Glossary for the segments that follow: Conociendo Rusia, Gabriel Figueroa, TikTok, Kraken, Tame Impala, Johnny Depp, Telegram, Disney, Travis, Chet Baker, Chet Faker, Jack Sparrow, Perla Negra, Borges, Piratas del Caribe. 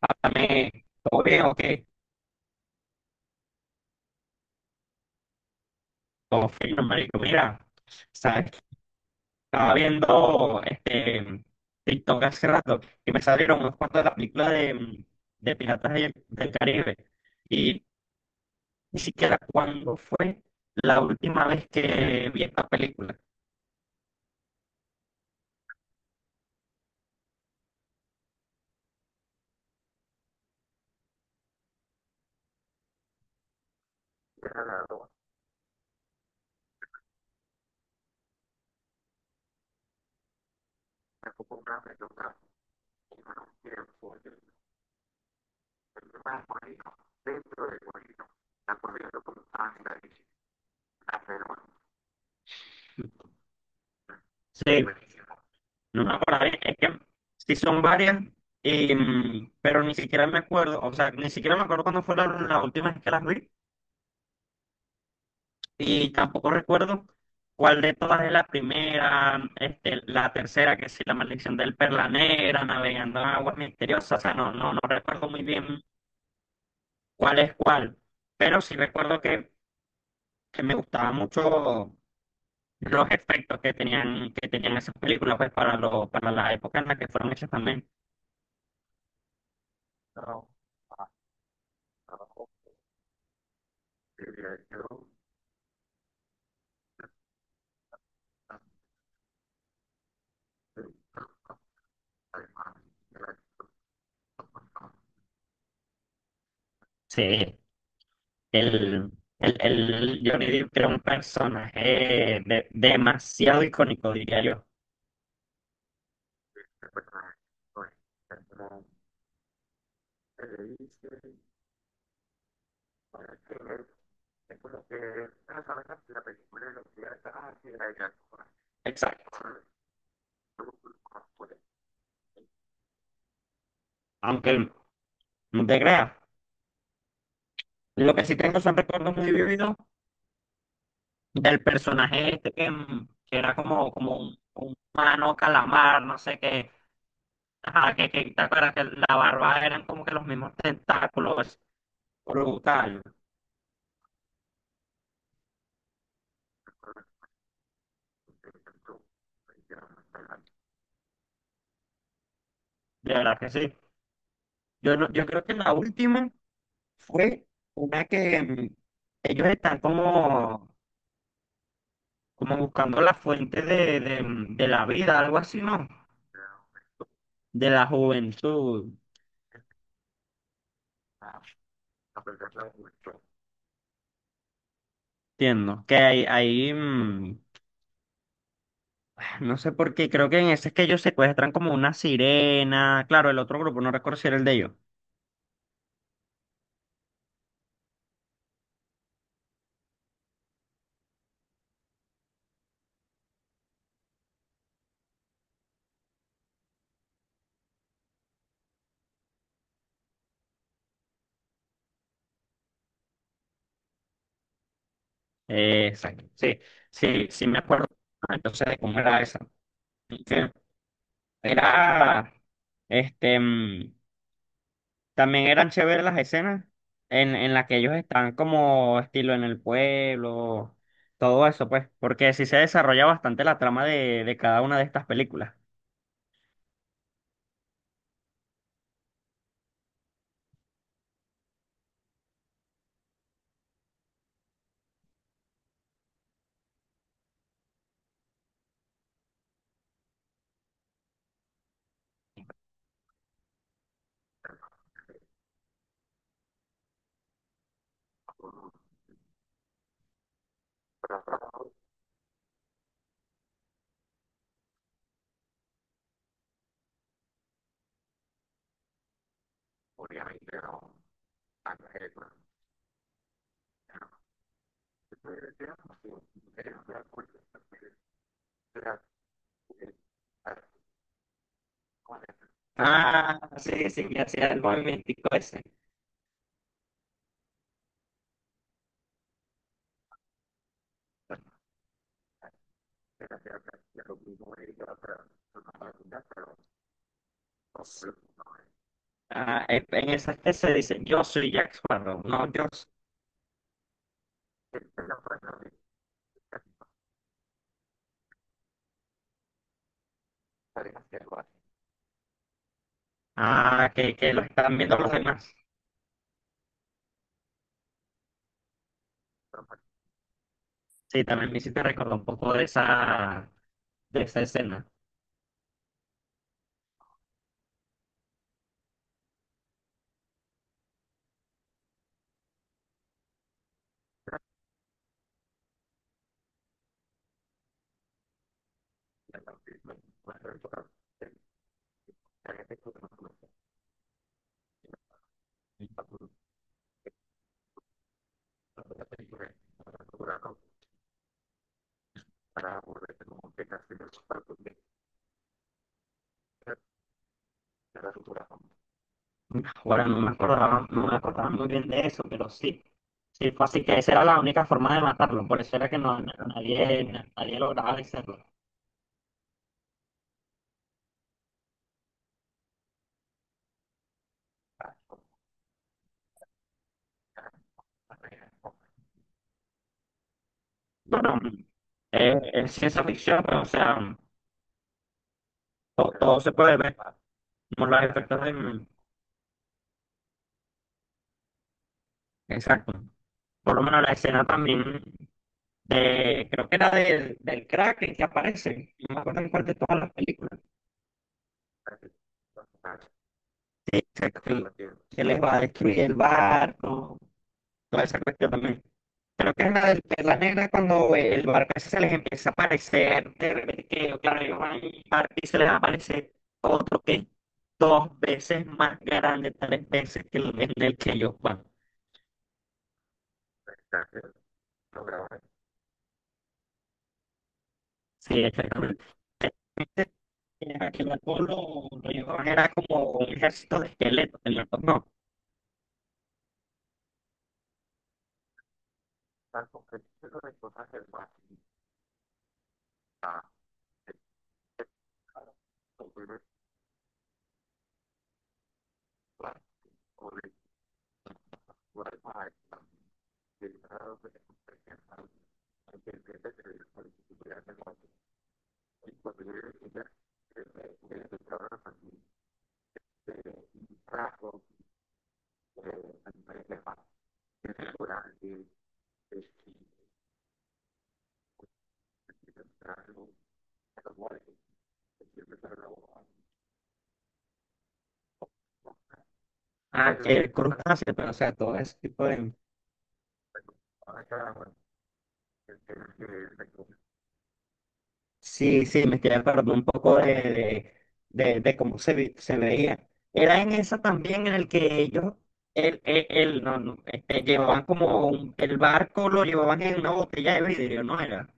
Háblame, ¿todo bien o qué? Todo fino, marico. Mira, sabes estaba viendo TikTok hace rato y me salieron unos cuantos de la película de Piratas del Caribe. Y ni siquiera cuándo fue la última vez que vi esta película. Sí, no me acuerdo. Es que sí son varias, pero ni siquiera me acuerdo. O sea, ni siquiera me acuerdo cuándo fue la última vez que las vi. Y tampoco recuerdo cuál de todas es la primera, la tercera, que sí, la maldición del Perla Negra, navegando en aguas misteriosas, o sea, no recuerdo muy bien cuál es cuál, pero sí recuerdo que me gustaban mucho los efectos que tenían esas películas, pues, para para la época en la que fueron hechas también. Pero sí, el, el Johnny Depp era un personaje de- demasiado icónico, diría yo. Exacto. Aunque no te creas, lo que sí tengo son recuerdos muy vividos del personaje este que era como, como un humano calamar, no sé qué. Ajá, que te acuerdas que la barba eran como que los mismos tentáculos, brutal. De verdad que sí. Yo, no- Yo creo que la última fue una que ellos están como, como buscando la fuente de la vida, algo así, ¿no? De la juventud. Entiendo. Que ahí, ahí, mm, No sé por qué, creo que en ese es que ellos secuestran como una sirena. Claro, el otro grupo, no recuerdo si era el de ellos. Exacto. Sí, sí me acuerdo. Entonces, de cómo era esa. Que Era, este, mm, También eran chéveres las escenas en las que ellos están como estilo en el pueblo, todo eso, pues, porque sí se desarrolla bastante la trama de cada una de estas películas. Obviamente, no, pero- Ah, sí, sí, que hacía el movimiento ese. Ah, en esas que se dicen, yo soy Jack Sparrow, no yo soy. Gabriel Figueroa. Ah, que lo están viendo los demás. Sí, también me hiciste recordar un poco de esa escena. Ahora no me acordaba, no me acordaba muy bien de eso, pero sí. Sí, fue así que esa era la única forma de matarlo, por eso era que nadie, nadie lograba vencerlo. Bueno, es ciencia ficción, pero, o sea, to- todo, se puede ver, como los efectos de... Exacto. Por lo menos la escena también de- creo que era del Kraken que aparece, no me acuerdo en cuál de todas las películas, que les va a destruir el barco, toda esa cuestión también. Creo que es la de la Negra cuando el barco ese se les empieza a aparecer, de repente claro, ellos van y parte y se les aparece otro que es dos veces más grande, tres veces que el en el que ellos van. Sí, exactamente. Este, aquel barco lo llevaban, era como un ejército de esqueletos, el barco no. Ah, que crustáceos, pero o sea, todo ese tipo de... Sí, sí, me estoy de un poco de cómo se, vi- se veía. Era en esa también en el que ellos, el- no, no, este, llevaban como un- el barco, lo llevaban en una botella de vidrio, ¿no era?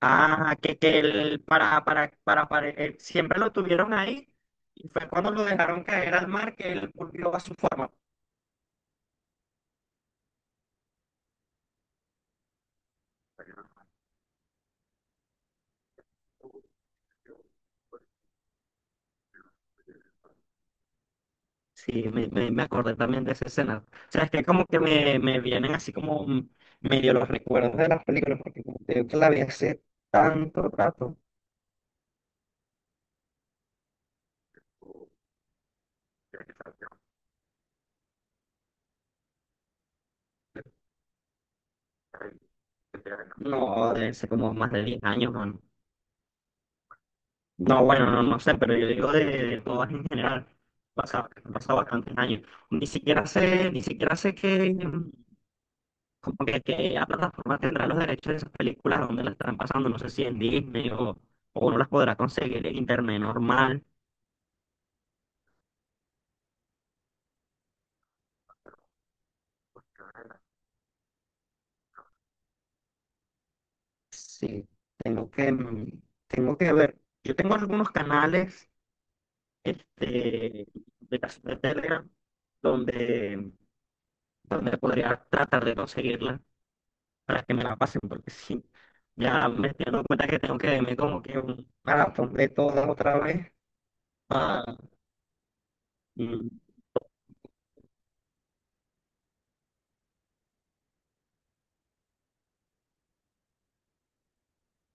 Ah, que el, para- siempre lo tuvieron ahí y fue cuando lo dejaron caer al mar que él volvió a su forma. Sí, me acordé también de esa escena. O sea, es que como que me vienen así como medio los recuerdos de las películas, porque como te digo que la vi hace tanto rato, no, debe ser como más de 10 años, mano. No, bueno, no, no sé, pero yo digo de todas en general, pasa- han pasado bastantes años. Ni siquiera sé, como que la plataforma tendrá los derechos de esas películas donde las están pasando, no sé si en Disney o uno las podrá conseguir en internet normal. Sí, tengo que, mm, tengo que ver. Yo tengo algunos canales este, de, cas- de Telegram donde, donde podría tratar de conseguirla para que me la pasen, porque sí, ya me estoy dando cuenta que tengo que verme como que un maratón de todo otra vez. Ah, y,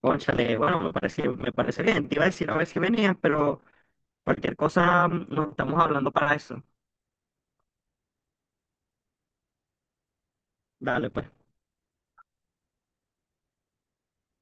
cónchale, bueno, me parece bien. Te iba a decir a ver si venías, pero cualquier cosa nos estamos hablando para eso. Dale, pues.